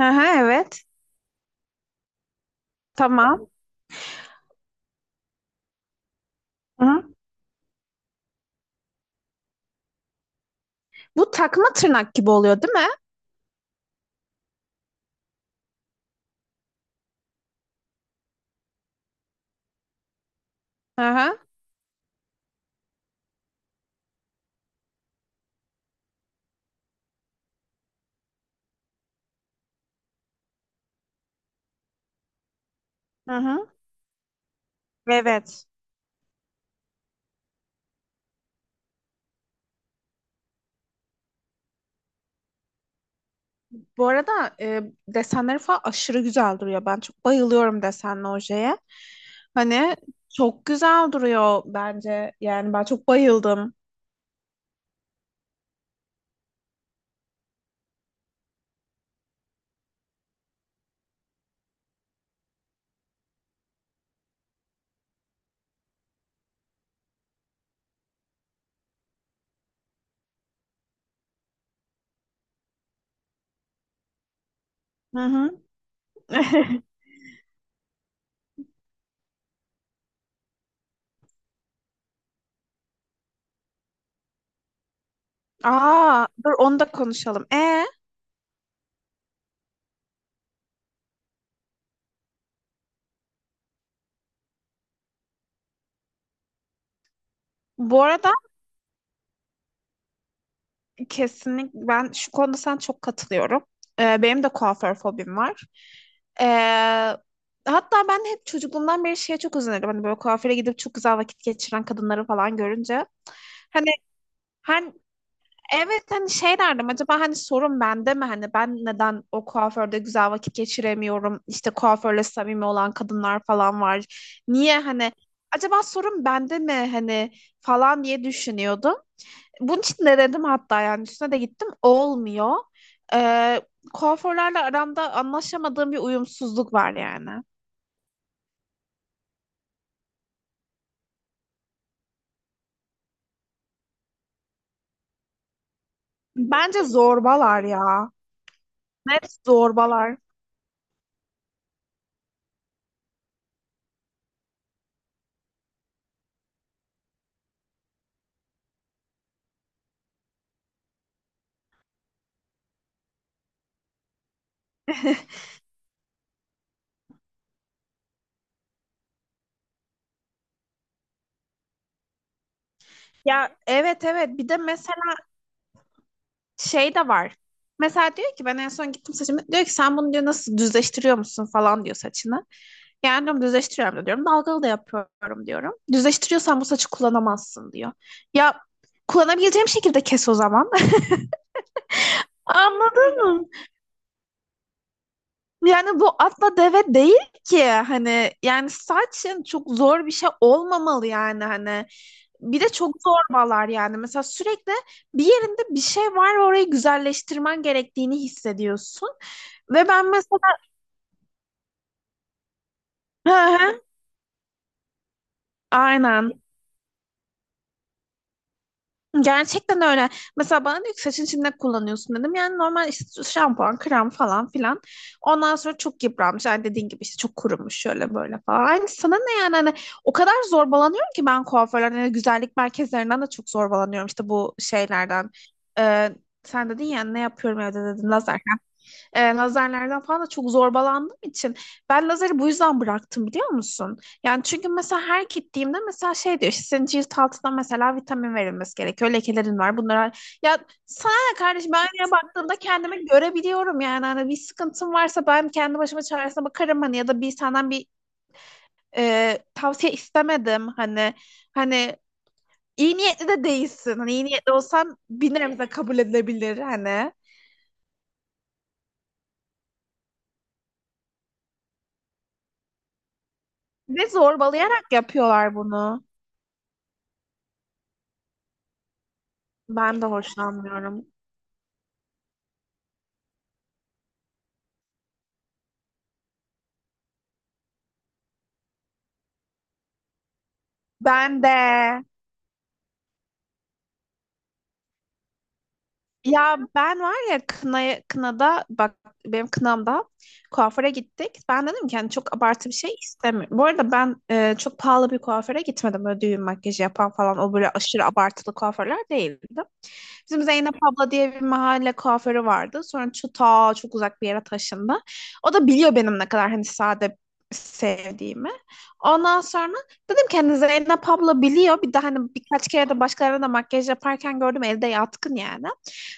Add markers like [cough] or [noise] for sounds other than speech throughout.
Hı hı, evet. Tamam. Hı hı. Bu takma tırnak gibi oluyor, değil mi? Hı hı. Hı hı. Evet. Bu arada desenleri falan aşırı güzel duruyor. Ben çok bayılıyorum desenli ojeye. Hani çok güzel duruyor bence. Yani ben çok bayıldım. Hı hı. [laughs] Aa, dur onu da konuşalım. Bu arada, kesinlikle ben şu konuda sana çok katılıyorum. Benim de kuaför fobim var. Ee, Hatta ben hep çocukluğumdan beri şeye çok özenirdim. Hani böyle kuaföre gidip çok güzel vakit geçiren kadınları falan görünce. Hani hani evet hani şey derdim, acaba hani sorun bende mi, hani ben neden o kuaförde güzel vakit geçiremiyorum, işte kuaförle samimi olan kadınlar falan var, niye hani acaba sorun bende mi hani falan diye düşünüyordum, bunun için de dedim hatta, yani üstüne de gittim. Olmuyor. Ee, Kuaförlerle aramda anlaşamadığım bir uyumsuzluk var yani. Bence zorbalar ya. Net zorbalar. [laughs] Ya, evet evet, bir de mesela şey de var. Mesela diyor ki ben en son gittim saçımı. Diyor ki sen bunu diyor nasıl düzleştiriyor musun falan diyor saçını. Yani diyorum düzleştiriyorum da diyorum. Dalgalı da yapıyorum diyorum. Düzleştiriyorsan bu saçı kullanamazsın diyor. Ya kullanabileceğim şekilde kes o zaman. [laughs] Anladın mı? Yani bu atla deve değil ki hani, yani saçın çok zor bir şey olmamalı yani hani, bir de çok zorbalar yani, mesela sürekli bir yerinde bir şey var ve orayı güzelleştirmen gerektiğini hissediyorsun ve ben mesela. [laughs] Hı hı, aynen. Gerçekten öyle. Mesela bana diyor ki saçın, içinde kullanıyorsun dedim. Yani normal işte şampuan, krem falan filan. Ondan sonra çok yıpranmış. Yani dediğin gibi işte çok kurumuş şöyle böyle falan. Hani sana ne yani hani, o kadar zorbalanıyorum ki ben kuaförlerden, hani güzellik merkezlerinden de çok zorbalanıyorum. İşte bu şeylerden. Ee, Sen dedin ya ne yapıyorum evde dedin, lazer, lazerlerden falan da çok zorbalandığım için ben lazeri bu yüzden bıraktım biliyor musun? Yani çünkü mesela her gittiğimde mesela şey diyor, işte senin cilt altına mesela vitamin verilmesi gerekiyor. Lekelerin var, bunlara. Ya sana ne kardeşim, ben aynaya baktığımda kendimi görebiliyorum yani. Hani bir sıkıntım varsa ben kendi başıma çaresine bakarım hani, ya da bir senden bir tavsiye istemedim hani iyi niyetli de değilsin. Hani iyi niyetli olsan bir nebze kabul edilebilir hani. Ve zorbalayarak yapıyorlar bunu. Ben de hoşlanmıyorum. Ben de. Ya ben var ya, kınaya, kınada bak, benim kınamda kuaföre gittik. Ben dedim ki hani çok abartı bir şey istemiyorum. Bu arada ben çok pahalı bir kuaföre gitmedim. Böyle düğün makyajı yapan falan, o böyle aşırı abartılı kuaförler değildi. Bizim Zeynep abla diye bir mahalle kuaförü vardı. Sonra şu ta çok uzak bir yere taşındı. O da biliyor benim ne kadar hani sade sevdiğimi. Ondan sonra dedim ki, hani Zeynep abla biliyor. Bir de hani birkaç kere de başkalarına da makyaj yaparken gördüm, elde yatkın yani.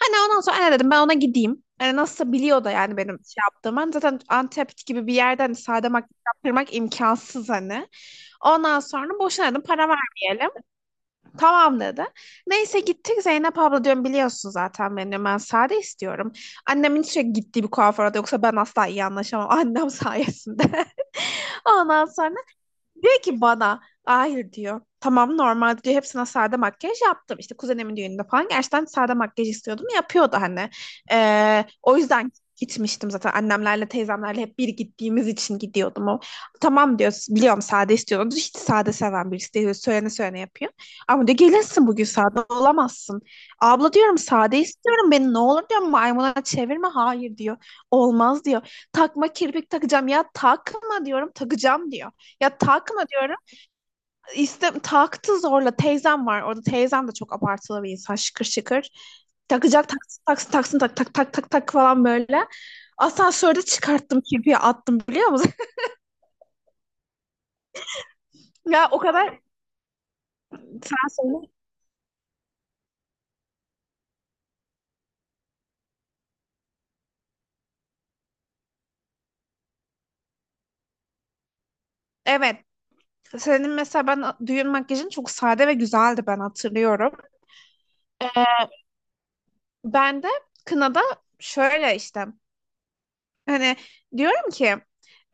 Hani ondan sonra anne dedim, ben ona gideyim. Hani nasılsa biliyor da yani benim şey yaptığımı. Hani zaten Antep gibi bir yerden sade makyaj yaptırmak imkansız hani. Ondan sonra boşuna dedim, para vermeyelim. Tamam dedi. Neyse gittik, Zeynep abla diyorum biliyorsun zaten beni, diyorum, ben sade istiyorum. Annemin sürekli gittiği bir kuaföre de, yoksa ben asla iyi anlaşamam annem sayesinde. [laughs] Ondan sonra diyor ki bana, hayır diyor. Tamam normal diyor. Hepsine sade makyaj yaptım. İşte kuzenimin düğününde falan gerçekten sade makyaj istiyordum. Yapıyordu hani. O yüzden gitmiştim zaten. Annemlerle teyzemlerle hep bir gittiğimiz için gidiyordum. O, tamam diyor. Biliyorum sade istiyordum. Hiç sade seven birisi değil. Söylene söylene yapıyor. Ama diyor gelirsin bugün sade olamazsın. Abla diyorum, sade istiyorum. Beni ne olur diyor, maymuna çevirme. Hayır diyor. Olmaz diyor. Takma kirpik takacağım, ya takma diyorum, takacağım diyor. Ya takma diyorum. İste, taktı zorla. Teyzem var orada. Teyzem de çok abartılı bir insan. Şıkır şıkır. Takacak, taksın taksın taksın, tak tak tak tak tak falan böyle. Asansörde çıkarttım kirpiği, attım, biliyor musun? [laughs] Ya o kadar, sen söyle. Evet. Senin mesela ben düğün makyajın çok sade ve güzeldi, ben hatırlıyorum. Ee, Ben de kınada şöyle işte hani diyorum ki,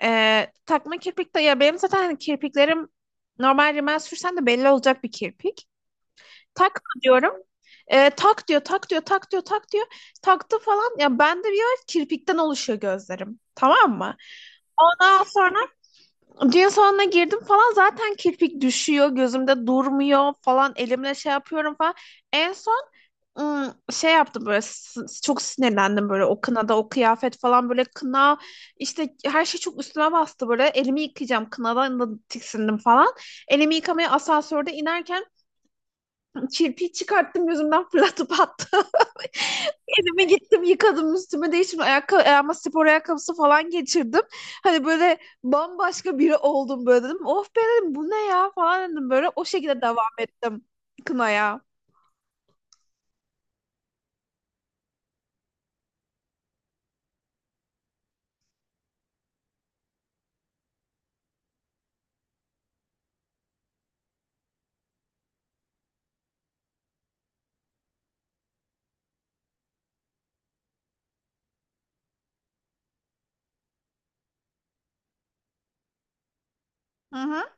takma kirpik de, ya benim zaten hani kirpiklerim normal rimel sürsen de belli olacak bir kirpik. Takma diyorum. Tak diyor, tak diyor, tak diyor, tak diyor. Taktı falan. Ya bende bir yer kirpikten oluşuyor gözlerim. Tamam mı? Ondan sonra düğün salonuna girdim falan, zaten kirpik düşüyor gözümde durmuyor falan, elimle şey yapıyorum falan. En son şey yaptım böyle, çok sinirlendim böyle, o kınada o kıyafet falan böyle, kına işte, her şey çok üstüme bastı böyle, elimi yıkayacağım, kınadan da tiksindim falan. Elimi yıkamaya asansörde inerken kirpiği çıkarttım gözümden, fırlatıp attım. [laughs] Elime gittim yıkadım, üstüme değiştim. Ayağıma spor ayakkabısı falan geçirdim. Hani böyle bambaşka biri oldum böyle, dedim of be, dedim bu ne ya falan, dedim böyle. O şekilde devam ettim kınaya. Hı hı.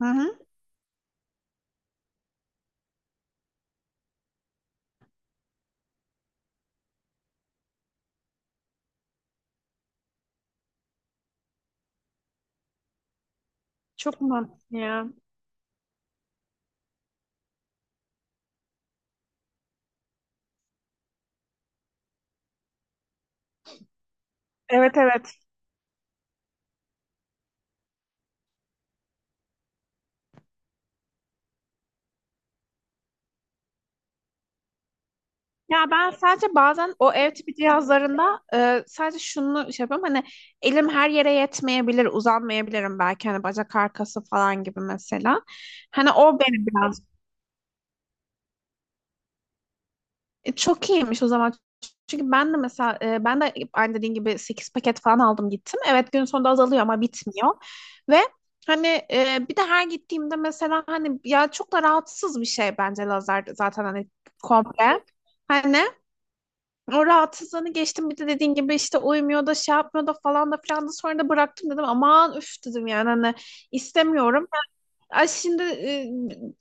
Hı hı. Çok mantıklı ya. Evet evet. Ya ben sadece bazen o ev tipi cihazlarında sadece şunu şey yapıyorum hani, elim her yere yetmeyebilir, uzanmayabilirim belki, hani bacak arkası falan gibi mesela. Hani o beni biraz. Çok iyiymiş o zaman. Çünkü ben de mesela ben de aynı dediğin gibi 8 paket falan aldım gittim. Evet, gün sonunda azalıyor ama bitmiyor. Ve hani bir de her gittiğimde mesela, hani ya çok da rahatsız bir şey bence lazer zaten hani, komple. Hani o rahatsızlığını geçtim, bir de dediğin gibi işte uyumuyor da şey yapmıyor da falan da filan da, sonra da bıraktım, dedim aman üf, dedim yani hani istemiyorum. Ay şimdi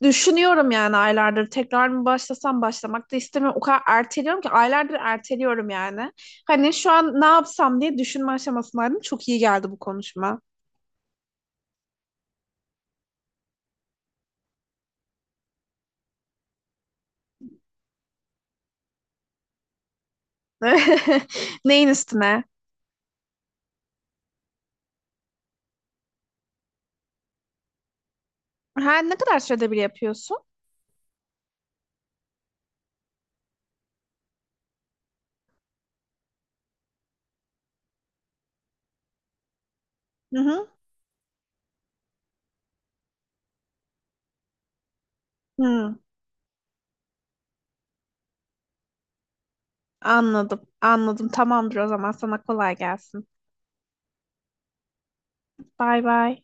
düşünüyorum yani aylardır, tekrar mı başlasam, başlamak da istemiyorum. O kadar erteliyorum ki aylardır erteliyorum yani. Hani şu an ne yapsam diye düşünme aşamasındaydım. Çok iyi geldi bu konuşma. [laughs] Neyin üstüne? Ha, ne kadar sürede bir yapıyorsun? Hı hı. Hı, anladım anladım, tamamdır o zaman, sana kolay gelsin. Bay bay.